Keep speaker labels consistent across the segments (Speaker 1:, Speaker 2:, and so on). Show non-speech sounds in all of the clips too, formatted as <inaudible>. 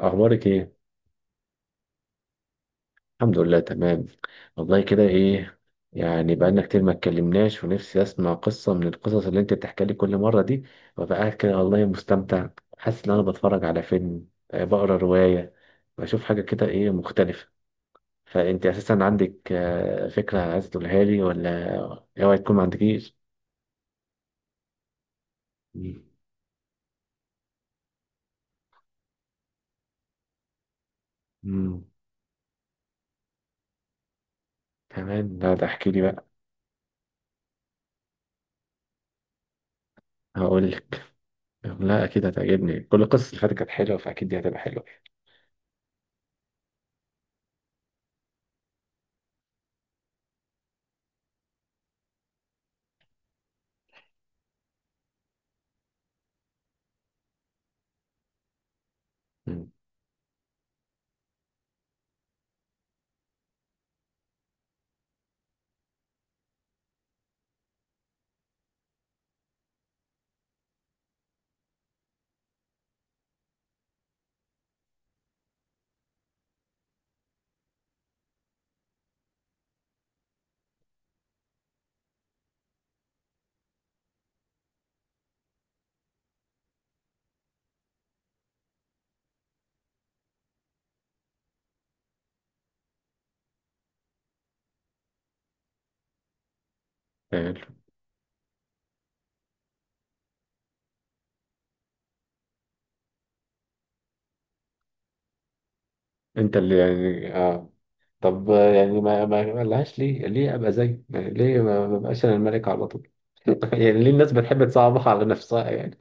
Speaker 1: اخبارك ايه؟ الحمد لله، تمام. والله، كده ايه؟ يعني بقالنا كتير ما اتكلمناش، ونفسي اسمع قصه من القصص اللي انت بتحكي لي كل مره دي، وابقى قاعد كده والله مستمتع. حاسس ان انا بتفرج على فيلم، بقرا روايه، بشوف حاجه كده، ايه مختلفه. فانت اساسا عندك، فكره عايز تقولها لي ولا اوعي تكون ما عندكيش. امم. كمان، لا ده احكي لي بقى. هقول لك لا، اكيد هتعجبني. كل القصص اللي فاتت كانت حلوه، فاكيد دي هتبقى حلوه. مم. انت اللي يعني اه. طب يعني ما لهاش، ليه ابقى زيه؟ يعني ليه ما ببقاش انا الملك على طول؟ <laughs> يعني ليه الناس بتحب تصعبها على نفسها يعني؟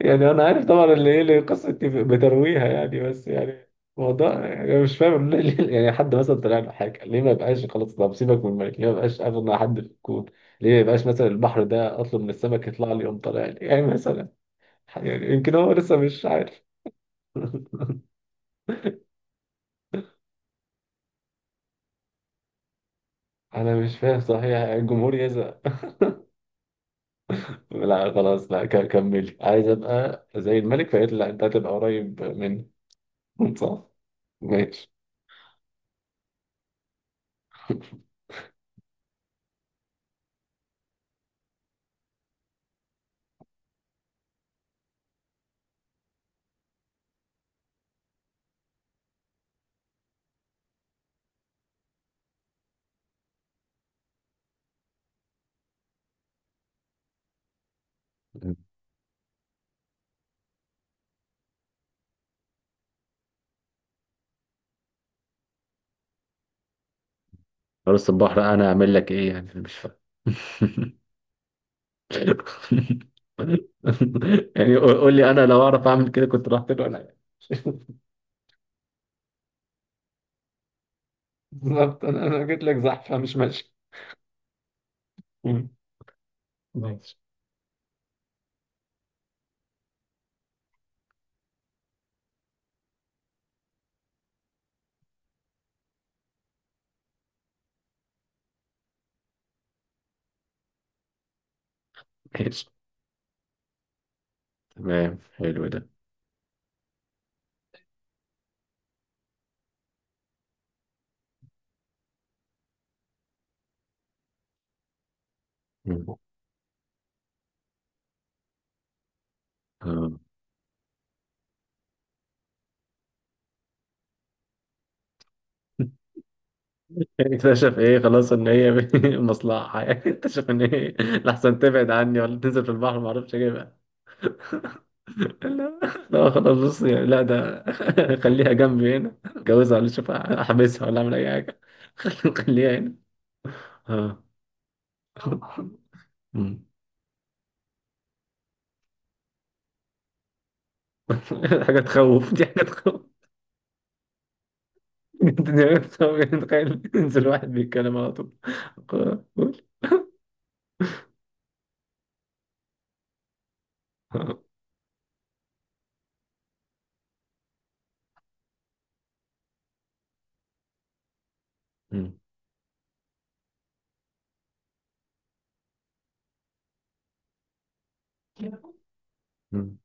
Speaker 1: يعني انا عارف طبعا اللي ايه، اللي قصة بترويها يعني، بس يعني موضوع يعني مش فاهم. <laughs> يعني حد مثلا طلع له حاجه، ليه ما يبقاش خلاص؟ طب سيبك من الملك، ليه ما يبقاش اغنى حد في الكون؟ ليه ما يبقاش مثلا البحر ده، اطلب من السمك يطلع لي، يقوم طالع لي يعني مثلا. يعني يمكن هو لسه مش عارف. <laughs> انا مش فاهم صحيح، الجمهور يزعل. لا خلاص، لا، كملي. عايز ابقى زي الملك، فقالت لي لا، انت هتبقى قريب مني. <laughs> صح. ماشي. فارس البحر بقى، انا اعمل لك ايه يعني؟ أنا مش فاهم. <laughs> يعني قول قول لي، انا لو اعرف اعمل كده كنت رحت له انا يعني. بالظبط، انا جيت لك زحفه مش ماشي. ماشي ماشي، تمام، حلو ده. مم. آه. اكتشف ايه؟ خلاص ان هي <laughs> مصلحه يعني، اكتشف ان هي لحسن تبعد عني، ولا تنزل في البحر ما اعرفش اجيبها. لا <laughs> لا، خلاص، بص يعني، لا ده <laughs> خليها جنبي هنا، اتجوزها، ولا اشوف احبسها، ولا اعمل اي حاجه. <laughs> خليها هنا. اه. أمم. <laughs> حاجه تخوف، دي حاجه تخوف. <laughs> تخيل ينزل واحد بيتكلم على طول. <laughs> قول. أمم. أمم.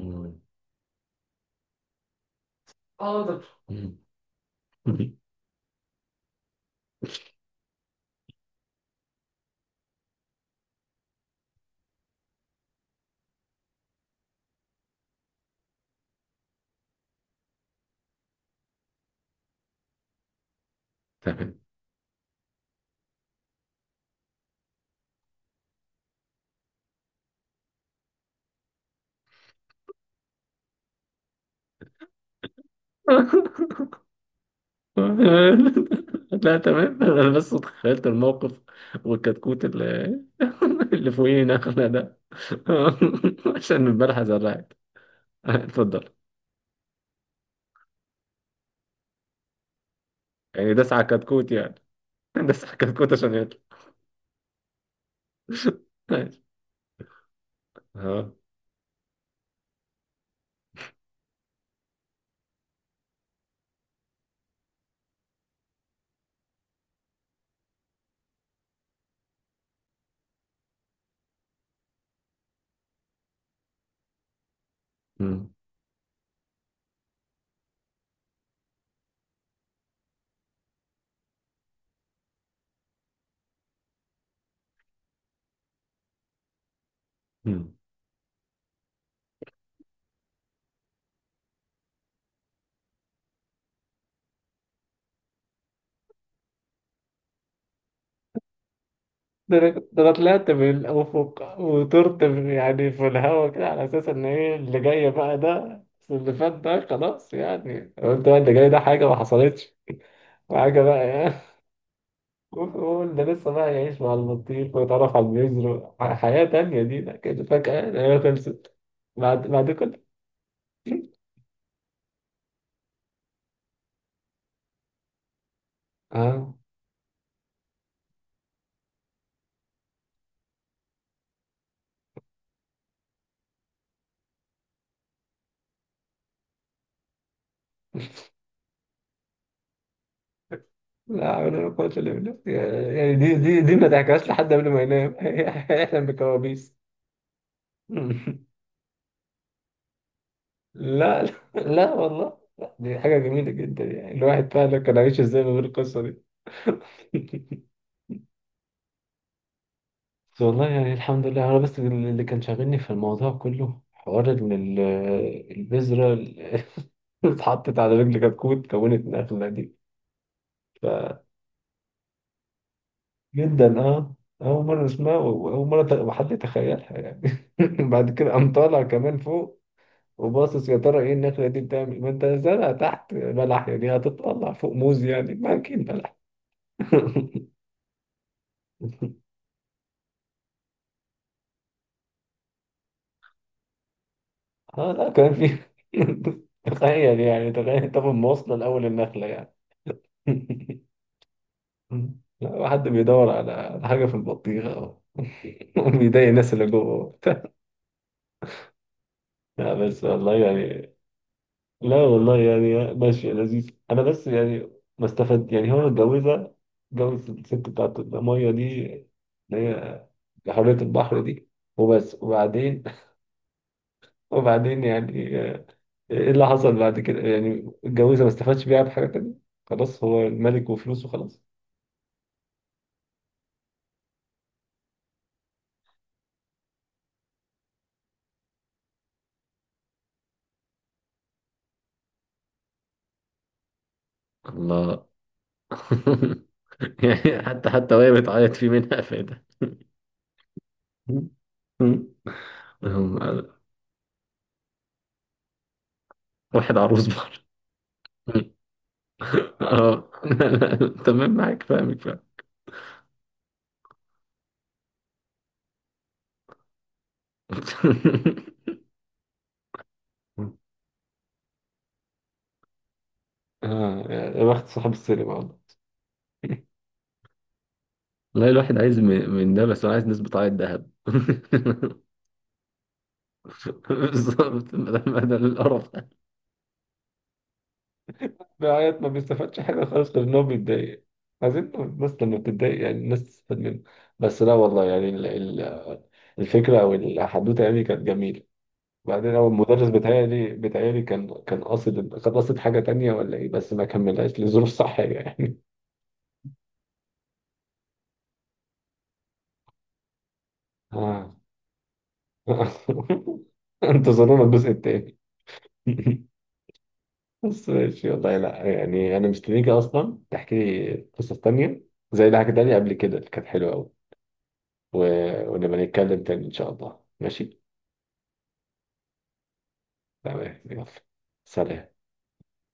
Speaker 1: أمم. حاضر. أمم. تمام. <laughs> لا، تمام، انا بس تخيلت الموقف، والكتكوت اللي <laughs> اللي فوقينا احنا ده <laughs> عشان البارحة زرعت. <laughs> اتفضل. يعني داس على كتكوت يعني؟ <laughs> داس على كتكوت عشان يطلع. <laughs> ماشي. اه. مم. مم. ده أنا طلعت من الافق وطرت يعني في الهواء كده، على اساس ان ايه اللي جاي بقى ده، بس اللي فات ده خلاص يعني، قلت بقى اللي جاي ده حاجه ما حصلتش، وحاجه بقى ايه. وقول <laughs> ده لسه بقى يعيش مع البطيخ ويتعرف على البذر، حياه تانية دي، ده كده فجاه هي خلصت؟ بعد كل آه. لا حول ولا قوة إلا بالله. يعني دي ما تحكيهاش لحد قبل ما ينام، <laughs> هيحلم بكوابيس. <laughs> لا، لا. لا والله، لا، دي حاجة جميلة جدا يعني، الواحد فعلا كان عايش ازاي من غير القصة دي؟ <laughs> بس والله يعني الحمد لله. أنا بس اللي كان شاغلني في الموضوع كله حوار إن البذرة اللي <laughs> اتحطت على رجل كتكوت كونت نخلة دي. جدا اه. اول مره اسمها، واول مره حد يتخيلها يعني. <laughs> بعد كده قام طالع كمان فوق، وباصص يا ترى ايه النخله دي بتعمل؟ ما انت زرع تحت بلح يعني، هتطلع فوق موز يعني؟ ما اكيد بلح. <laughs> اه لا، كان في <laughs> تخيل يعني، تخيل تاخد مواصله لاول النخله يعني. <laughs> لا، حد بيدور على حاجه في البطيخه <laughs> وبيضايق الناس اللي جوه. <laughs> لا بس والله يعني، لا والله يعني ماشي، لذيذ. انا بس يعني ما استفدت، يعني هو اتجوزها، اتجوز الست بتاعت الميه دي، اللي هي حرية البحر دي، وبس؟ وبعدين <laughs> وبععدين يعني، ايه اللي حصل بعد كده يعني؟ اتجوزها ما استفادش بيها بحاجة تانية، خلاص هو الملك وفلوسه خلاص. الله. <laughs> يعني حتى وهي بتعيط في منها فايدة. مم. مم. <laughs> واحد عروس بحر؟ <laughs> اه. <laughs> تمام، معاك، فاهمك فاهمك. <laughs> آه يا بخت صاحب السينما والله. والله الواحد عايز من ده، بس هو عايز نسبة عائد ذهب. <laughs> بالظبط، ما ده القرف ده. العيال ما بيستفادش حاجة خالص، غير إن هو بيتضايق. عايزين الناس لما بتتضايق يعني الناس تستفاد منه. بس لا والله يعني الفكرة أو الحدوتة يعني كانت جميلة. بعدين هو المدرس بتهيألي كان قاصد حاجة تانية ولا إيه؟ بس ما كملهاش لظروف صحية يعني. <laughs> آه. <laughs> انتظرونا الجزء التاني. <laughs> بس ماشي والله، لا يعني انا مستنيك اصلا تحكي لي قصص تانية زي اللي حكيتها لي قبل كده اللي كانت حلوة قوي. و... ونبقى نتكلم تاني ان شاء الله، ماشي. تمام، يلا. سلام.